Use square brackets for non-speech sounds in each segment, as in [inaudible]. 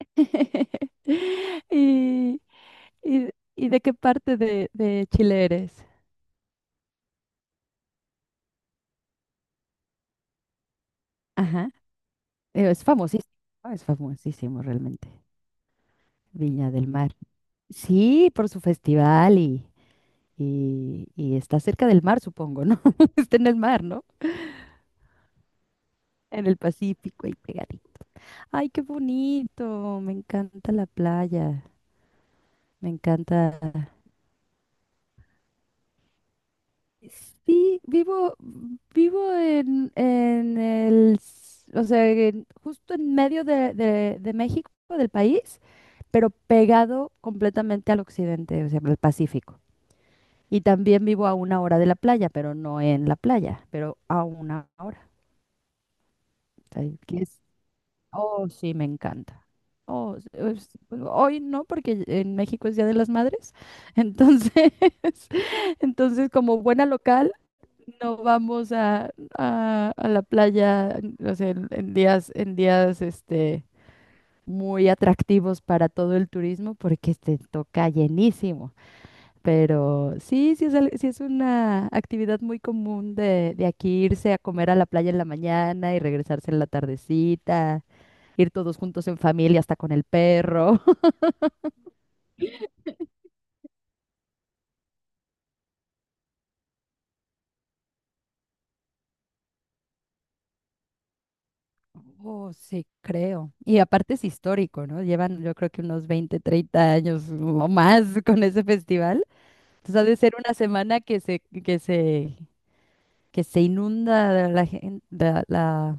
[laughs] Y, y, y de qué parte de Chile eres? Ajá. Es famosísimo, ¿no? Es famosísimo realmente. Viña del Mar. Sí, por su festival y está cerca del mar, supongo, ¿no? [laughs] Está en el mar, ¿no? En el Pacífico, ahí pegadito. Ay, qué bonito. Me encanta la playa. Me encanta. Sí, vivo en el, o sea, justo en medio de México, del país, pero pegado completamente al occidente, o sea, al Pacífico. Y también vivo a 1 hora de la playa, pero no en la playa, pero a 1 hora. O sea, que es. Oh, sí, me encanta. Oh, pues, hoy no, porque en México es Día de las Madres. Entonces, [laughs] como buena local, no vamos a la playa, o sea, en días, muy atractivos para todo el turismo, porque te toca llenísimo. Pero sí, sí es una actividad muy común de aquí irse a comer a la playa en la mañana y regresarse en la tardecita, ir todos juntos en familia, hasta con el perro. [laughs] Oh, sí, creo. Y aparte es histórico, ¿no? Llevan yo creo que unos 20, 30 años o más [laughs] con ese festival. Entonces ha de ser una semana que se inunda de la, gen- de, la-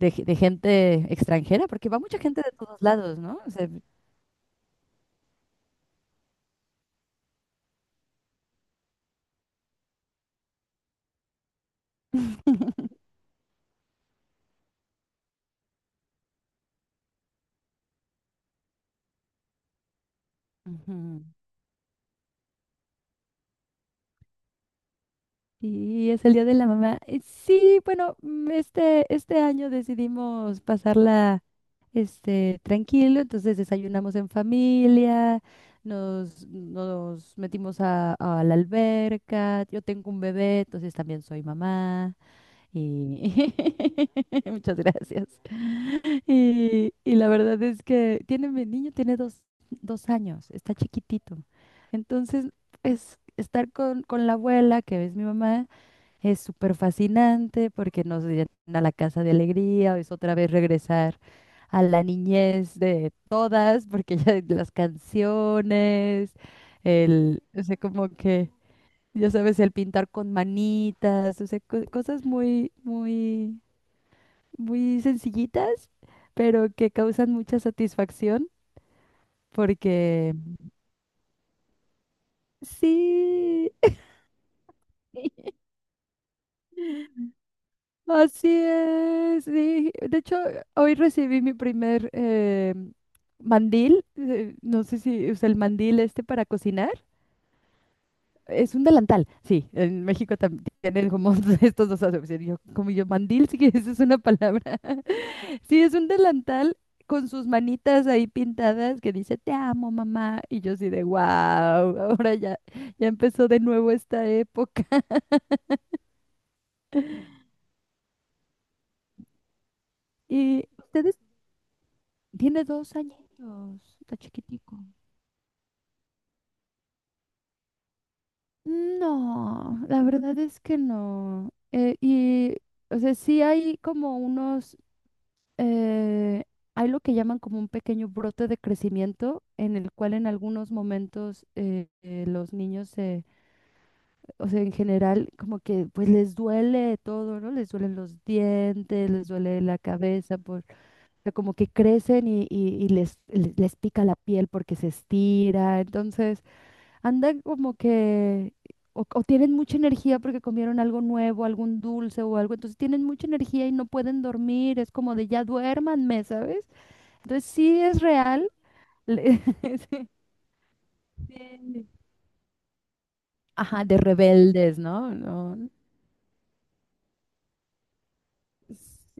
de ge- de gente extranjera, porque va mucha gente de todos lados, ¿no? O sea, ujú. Y es el Día de la Mamá. Sí, bueno, este año decidimos pasarla tranquilo, entonces desayunamos en familia, nos metimos a la alberca, yo tengo un bebé, entonces también soy mamá y [laughs] muchas gracias. Y la verdad es que mi niño tiene dos años, está chiquitito, entonces es estar con la abuela, que es mi mamá, es súper fascinante porque nos llena la casa de alegría, es otra vez regresar a la niñez de todas, porque ya [laughs] las canciones, o sea, como que, ya sabes, el pintar con manitas, o sea, cosas muy, muy, muy sencillitas, pero que causan mucha satisfacción porque sí. [laughs] Así es, sí. De hecho, hoy recibí mi primer mandil. No sé si usa el mandil este para cocinar. Es un delantal, sí. En México también tienen como [laughs] estos dos acepciones. Yo, como yo, mandil, sí, [laughs] que esa es una palabra. [laughs] Sí, es un delantal con sus manitas ahí pintadas que dice, te amo, mamá. Y yo así de, wow, ahora ya empezó de nuevo esta época. [laughs] Y ustedes, tiene 2 añitos, está chiquitico. No, la verdad es que no. Y, o sea, sí hay como eh, hay lo que llaman como un pequeño brote de crecimiento en el cual en algunos momentos los niños, o sea, en general, como que pues les duele todo, ¿no? Les duelen los dientes, les duele la cabeza, o sea, como que crecen y les pica la piel porque se estira. Entonces andan como que, o tienen mucha energía porque comieron algo nuevo, algún dulce o algo, entonces tienen mucha energía y no pueden dormir, es como de ya duérmanme, ¿sabes? Entonces sí es real. le- [laughs] sí, sí. Ajá, de rebeldes, ¿no? No.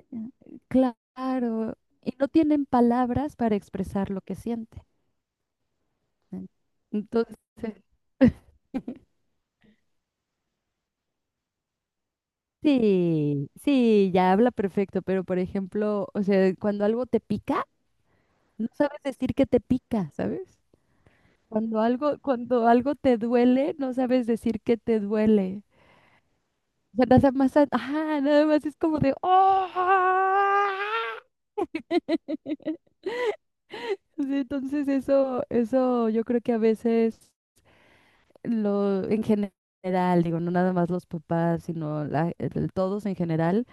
Sí, claro, y no tienen palabras para expresar lo que sienten. en- Entonces, [laughs] sí, sí, ya habla perfecto, pero por ejemplo, o sea, cuando algo te pica, no sabes decir que te pica, ¿sabes? Cuando algo te duele, no sabes decir que te duele. O sea, nada más, ajá, nada más es como de, ¡oh! Sí, entonces eso yo creo que a veces en general, digo, no nada más los papás, sino todos en general,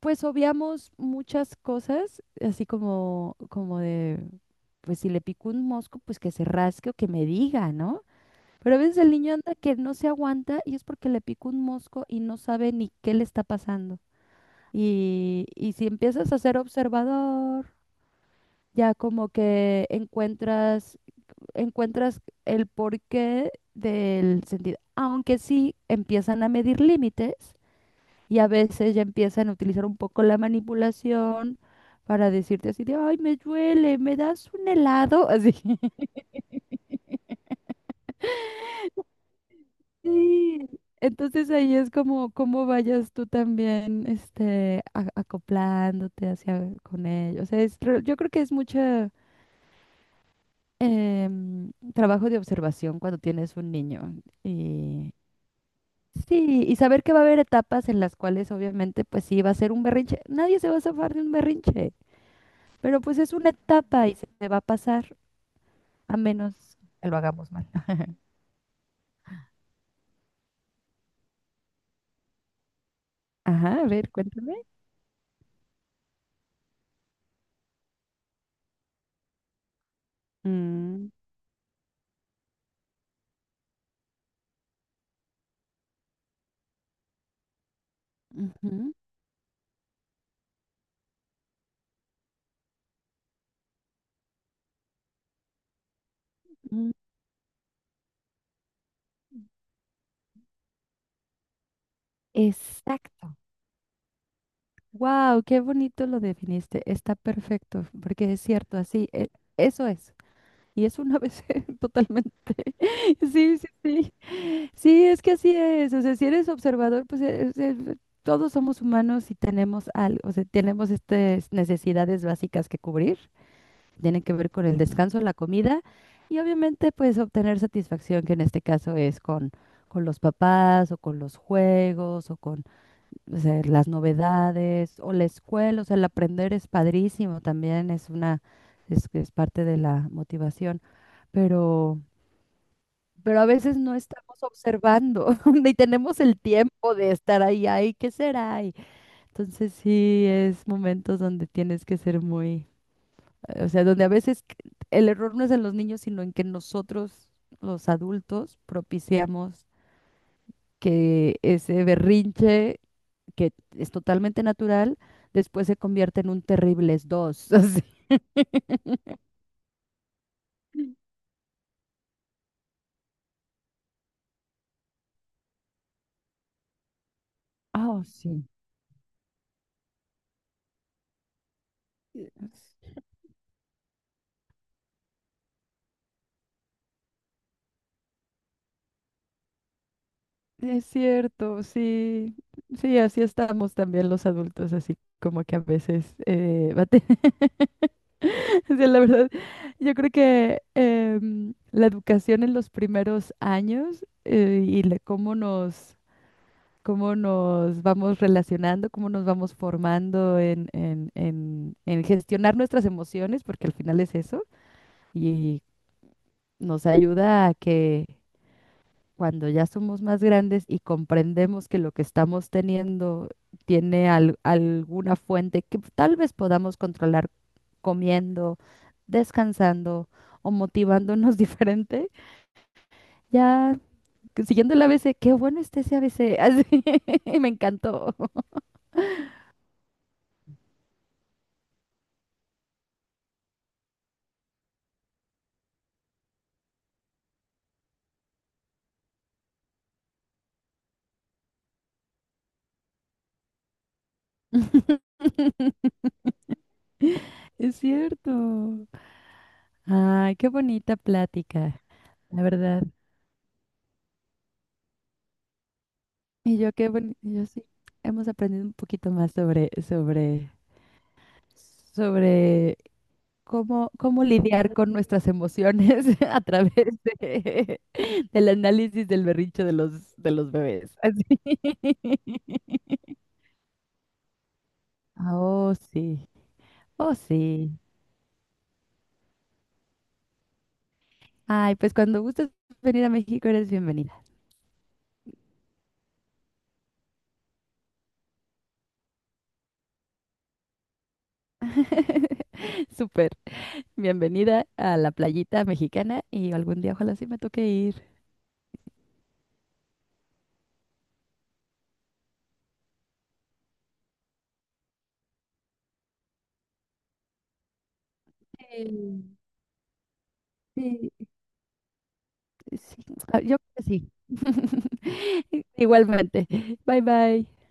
pues obviamos muchas cosas, así como de, pues si le picó un mosco, pues que se rasque o que me diga, ¿no? Pero a veces el niño anda que no se aguanta y es porque le picó un mosco y no sabe ni qué le está pasando. Y si empiezas a ser observador, ya como que encuentras el porqué del sentido. Aunque sí empiezan a medir límites y a veces ya empiezan a utilizar un poco la manipulación para decirte así de, ay, me duele, me das un helado, [laughs] así. Sí, entonces ahí es como cómo vayas tú también acoplándote hacia con ellos. O sea, es yo creo que es mucho trabajo de observación cuando tienes un niño y sí, y saber que va a haber etapas en las cuales obviamente pues sí va a ser un berrinche. Nadie se va a zafar de un berrinche, pero pues es una etapa y se te va a pasar a menos que lo hagamos mal. Ajá, a ver, cuéntame. Mm. Ujú. Mm. Exacto. Wow, qué bonito lo definiste. Está perfecto, porque es cierto, así, eso es. Y es una vez [laughs] totalmente. [laughs] Sí, sí, sí. Sí, es que así es. O sea, si eres observador, pues todos somos humanos y tenemos algo, o sea, tenemos estas necesidades básicas que cubrir. Tienen que ver con el descanso, la comida y obviamente pues obtener satisfacción, que en este caso es con los papás o con los juegos, o sea, las novedades o la escuela, o sea, el aprender es padrísimo también, es parte de la motivación, pero, pero a veces no estamos observando [laughs] ni tenemos el tiempo de estar ahí, ay, ¿qué será? Y entonces sí, es momentos donde tienes que ser muy, o sea, donde a veces el error no es en los niños, sino en que nosotros, los adultos, propiciamos que ese berrinche, que es totalmente natural, después se convierte en un terribles dos. [laughs] Así. Ah, oh, sí. Es es cierto, sí. Sí, así estamos también los adultos, así como que a veces [laughs] O sea, la verdad, yo creo que la educación en los primeros años, y cómo nos vamos relacionando, cómo nos vamos formando en gestionar nuestras emociones, porque al final es eso, y nos ayuda a que cuando ya somos más grandes y comprendemos que lo que estamos teniendo tiene alguna fuente que tal vez podamos controlar comiendo, descansando o motivándonos [laughs] diferente, ya siguiendo el ABC, qué bueno está ese ABC, [laughs] así, me encantó. [laughs] Es cierto. Ay, qué bonita plática, la verdad. Y yo sí, hemos aprendido un poquito más sobre cómo lidiar con nuestras emociones [laughs] a través de, del análisis del berrinche de los bebés. Así. [laughs] Ah, oh, sí. Oh, sí. Ay, pues cuando gustes venir a México eres bienvenida. [laughs] Súper. Bienvenida a la playita mexicana y algún día ojalá sí me toque ir. Eh, Sí, sí, ah, yo creo que sí. [laughs] Igualmente. Bye bye.